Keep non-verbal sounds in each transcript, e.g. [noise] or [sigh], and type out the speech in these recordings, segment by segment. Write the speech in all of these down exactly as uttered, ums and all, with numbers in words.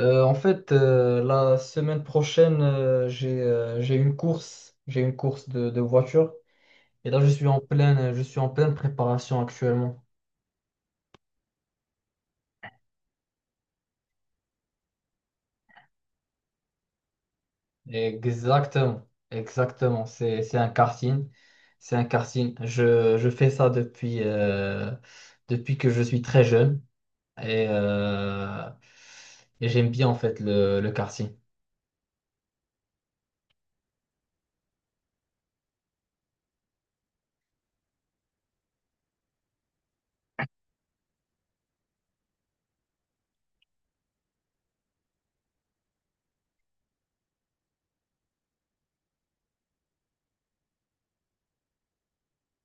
Euh, en fait, euh, la semaine prochaine, euh, j'ai euh, j'ai une course, j'ai une course de, de voiture. Et là, je suis en pleine, je suis en pleine préparation actuellement. Exactement, exactement. C'est c'est un karting, c'est un karting. Je, je fais ça depuis euh, depuis que je suis très jeune et, euh, et j'aime bien en fait le le karting.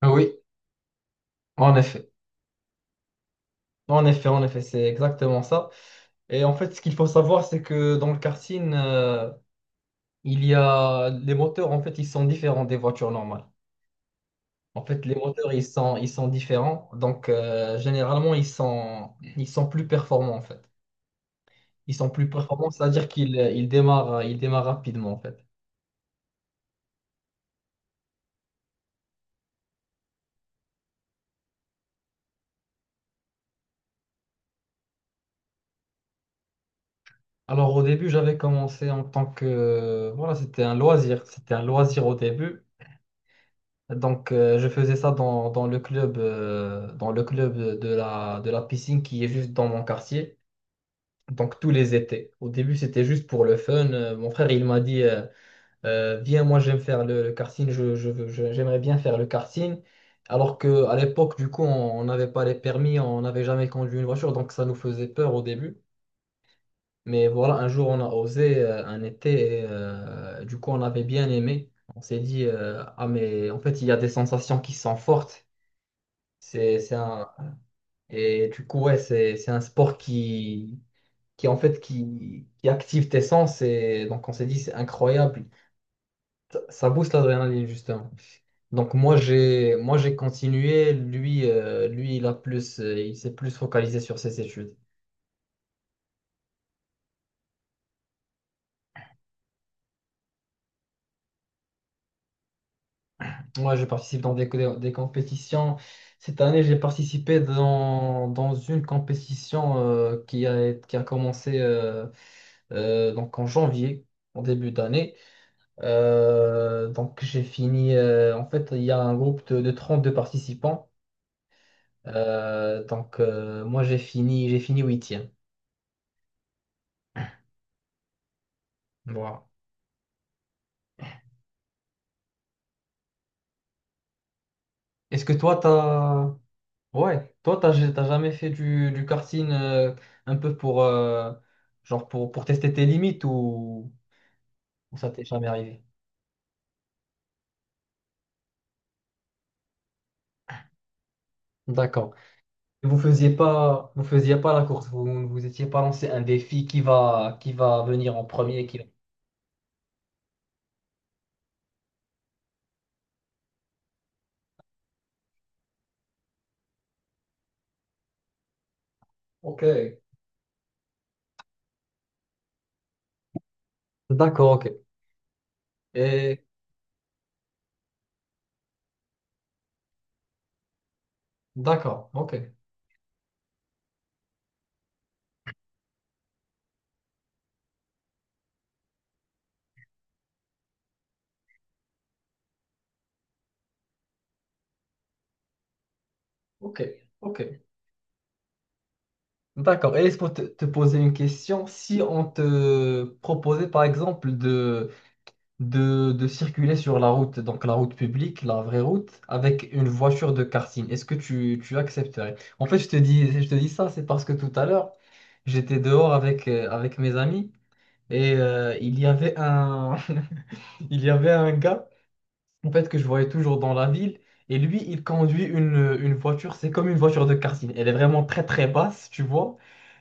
Ah oui, en effet. En effet, en effet, c'est exactement ça. Et en fait, ce qu'il faut savoir, c'est que dans le karting, euh, il y a les moteurs, en fait, ils sont différents des voitures normales. En fait, les moteurs, ils sont, ils sont différents. Donc, euh, généralement, ils sont, ils sont plus performants, en fait. Ils sont plus performants, c'est-à-dire qu'ils ils démarrent, ils démarrent rapidement, en fait. Alors, au début, j'avais commencé en tant que... Voilà, c'était un loisir. C'était un loisir au début. Donc, euh, je faisais ça dans, dans le club, euh, dans le club de la, de la piscine qui est juste dans mon quartier. Donc, tous les étés. Au début, c'était juste pour le fun. Euh, mon frère, il m'a dit, euh, Euh, viens, moi, j'aime faire le, le karting. Je, je veux- je- j'aimerais bien faire le karting. Alors que à l'époque, du coup, on on n'avait pas les permis, on n'avait jamais conduit une voiture. Donc, ça nous faisait peur au début. Mais voilà, un jour, on a osé, euh, un été. Et, euh, du coup, on avait bien aimé. On s'est dit, euh, ah, mais en fait, il y a des sensations qui sont fortes. C'est, c'est un, et du coup, ouais, c'est, c'est un sport qui, qui, en fait, qui, qui active tes sens. Et donc, on s'est dit, c'est incroyable. Ça, ça booste l'adrénaline, justement. Donc, moi, j'ai, moi, j'ai continué. Lui, euh, lui, il a plus, euh, il s'est plus focalisé sur ses études. Moi, je participe dans des, co- des compétitions. Cette année, j'ai participé dans, dans une compétition euh, qui a, qui a commencé euh, euh, donc en janvier, en début d'année. Euh, donc j'ai fini. Euh, en fait, il y a un groupe de, de trente-deux participants. Euh, donc euh, moi j'ai fini, j'ai fini huitième. Voilà. Est-ce que toi t'as, ouais, toi t'as, t'as jamais fait du, du karting, euh, un peu pour, euh, genre pour, pour tester tes limites, ou, ou ça t'est jamais arrivé? D'accord. Et vous faisiez pas, vous faisiez pas la course. Vous vous étiez pas lancé un défi qui va, qui va venir en premier, qui. Ok. D'accord, ok. Et d'accord, ok. Ok, ok. D'accord. Et est-ce pour te, te poser une question, si on te proposait par exemple de, de, de circuler sur la route, donc la route publique, la vraie route, avec une voiture de karting, est-ce que tu, tu accepterais? En fait, je te dis, je te dis ça, c'est parce que tout à l'heure, j'étais dehors avec, euh, avec mes amis et euh, il y avait un, [laughs] il y avait un gars. En fait, que je voyais toujours dans la ville. Et lui, il conduit une, une voiture, c'est comme une voiture de karting. Elle est vraiment très très basse, tu vois.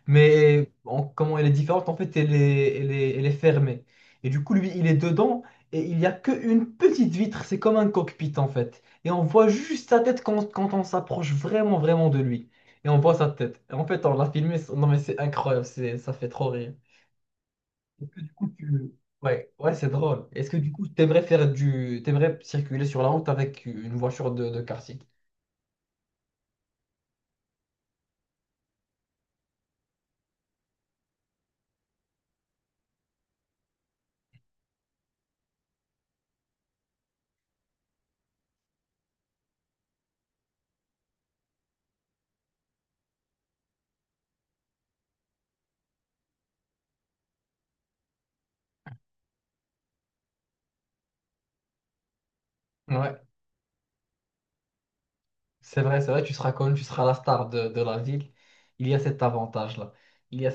Mais en- comment elle est différente, en fait, elle est, elle est, elle est fermée. Et du coup, lui, il est dedans et il n'y a qu'une petite vitre, c'est comme un cockpit en fait. Et on voit juste sa tête quand, quand on s'approche vraiment vraiment de lui. Et on voit sa tête. Et en fait, on l'a filmé, non mais c'est incroyable, c'est, ça fait trop rire coup, tu- Ouais, ouais, c'est drôle. Est-ce que du coup, t'aimerais faire du... t'aimerais circuler sur la route avec une voiture de, de karting? Ouais, c'est vrai, c'est vrai, tu seras connu, tu seras la star de, de la ville. Il y a cet avantage-là. Il y a...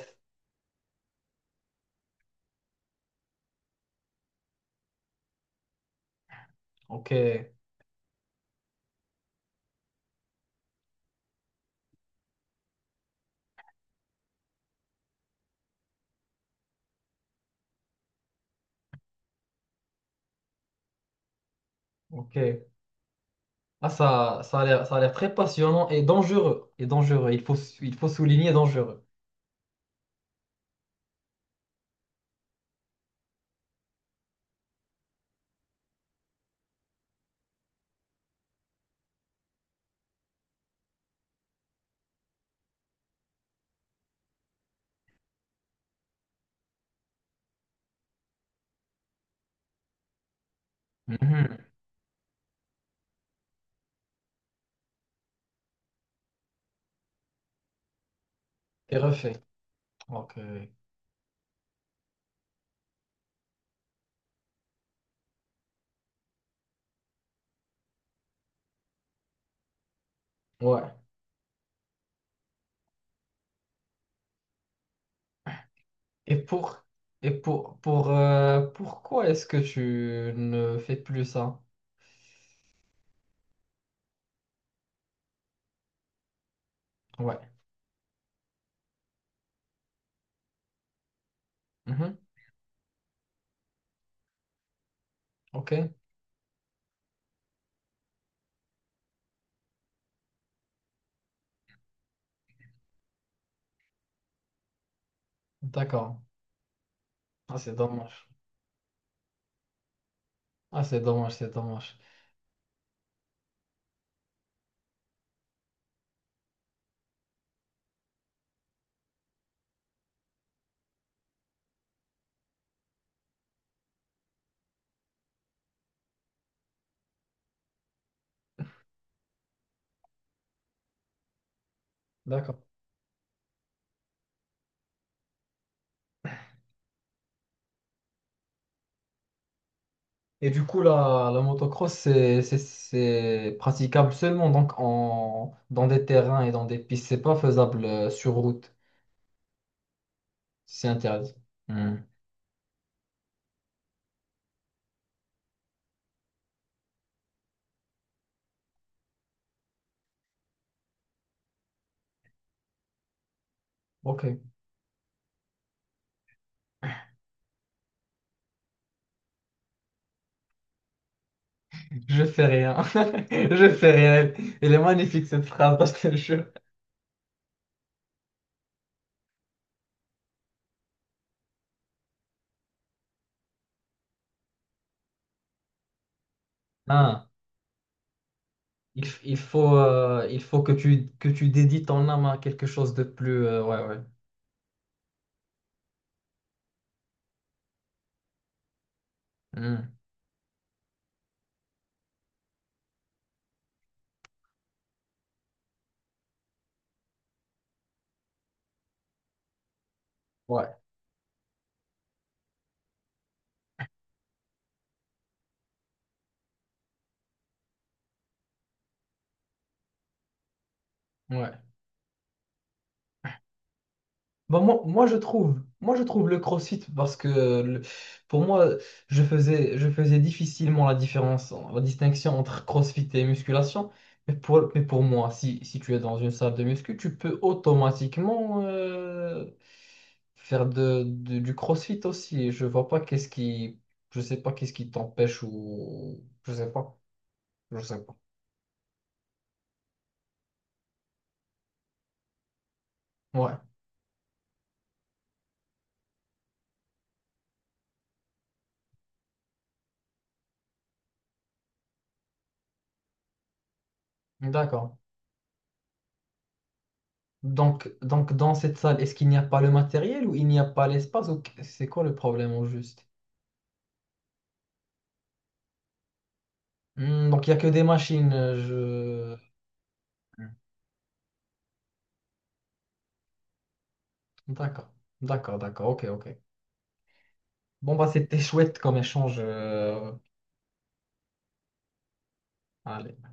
Ok, ok. Ah, ça, ça a l'air, ça a l'air très passionnant et dangereux. Et dangereux, il faut, il faut souligner dangereux. Mhm. Et refait. Ok. Ouais. Et pour... Et pour... pour euh, pourquoi est-ce que tu ne fais plus ça? Ouais. Mhm. Ok. D'accord. Ah, c'est dommage. Ah, c'est dommage, c'est dommage. D'accord. Et du coup, la, la motocross, c'est c'est- c'est praticable seulement donc en, dans des terrains et dans des pistes. C'est pas faisable euh, sur route. Si, c'est interdit. Hmm. Ok. Je fais rien. [laughs] Je fais rien. Elle est magnifique cette phrase, parce que je... te jure. Ah, il, f- il faut, euh, il faut que tu, que tu dédies ton âme à quelque chose de plus... euh, ouais, ouais. Hmm. Ouais, ouais. Bon, moi, moi, je trouve, moi, je trouve le CrossFit parce que euh, le- pour moi, je faisais, je faisais difficilement la différence, la distinction entre CrossFit et musculation. Mais pour, mais pour moi, si, si tu es dans une salle de muscu, tu peux automatiquement euh, faire de, de- du CrossFit aussi. Je vois pas qu'est-ce qui, je sais pas qu'est-ce qui t'empêche, ou je sais pas, je sais pas. Ouais, d'accord. Donc, donc dans cette salle, est-ce qu'il n'y a pas le matériel ou il n'y a pas l'espace, ou qu- c'est quoi le problème au juste? Hmm, donc il n'y a que des machines. euh, Je... D'accord, d'accord, d'accord, ok, ok. Bon bah c'était [laughs] chouette comme échange. euh, Allez.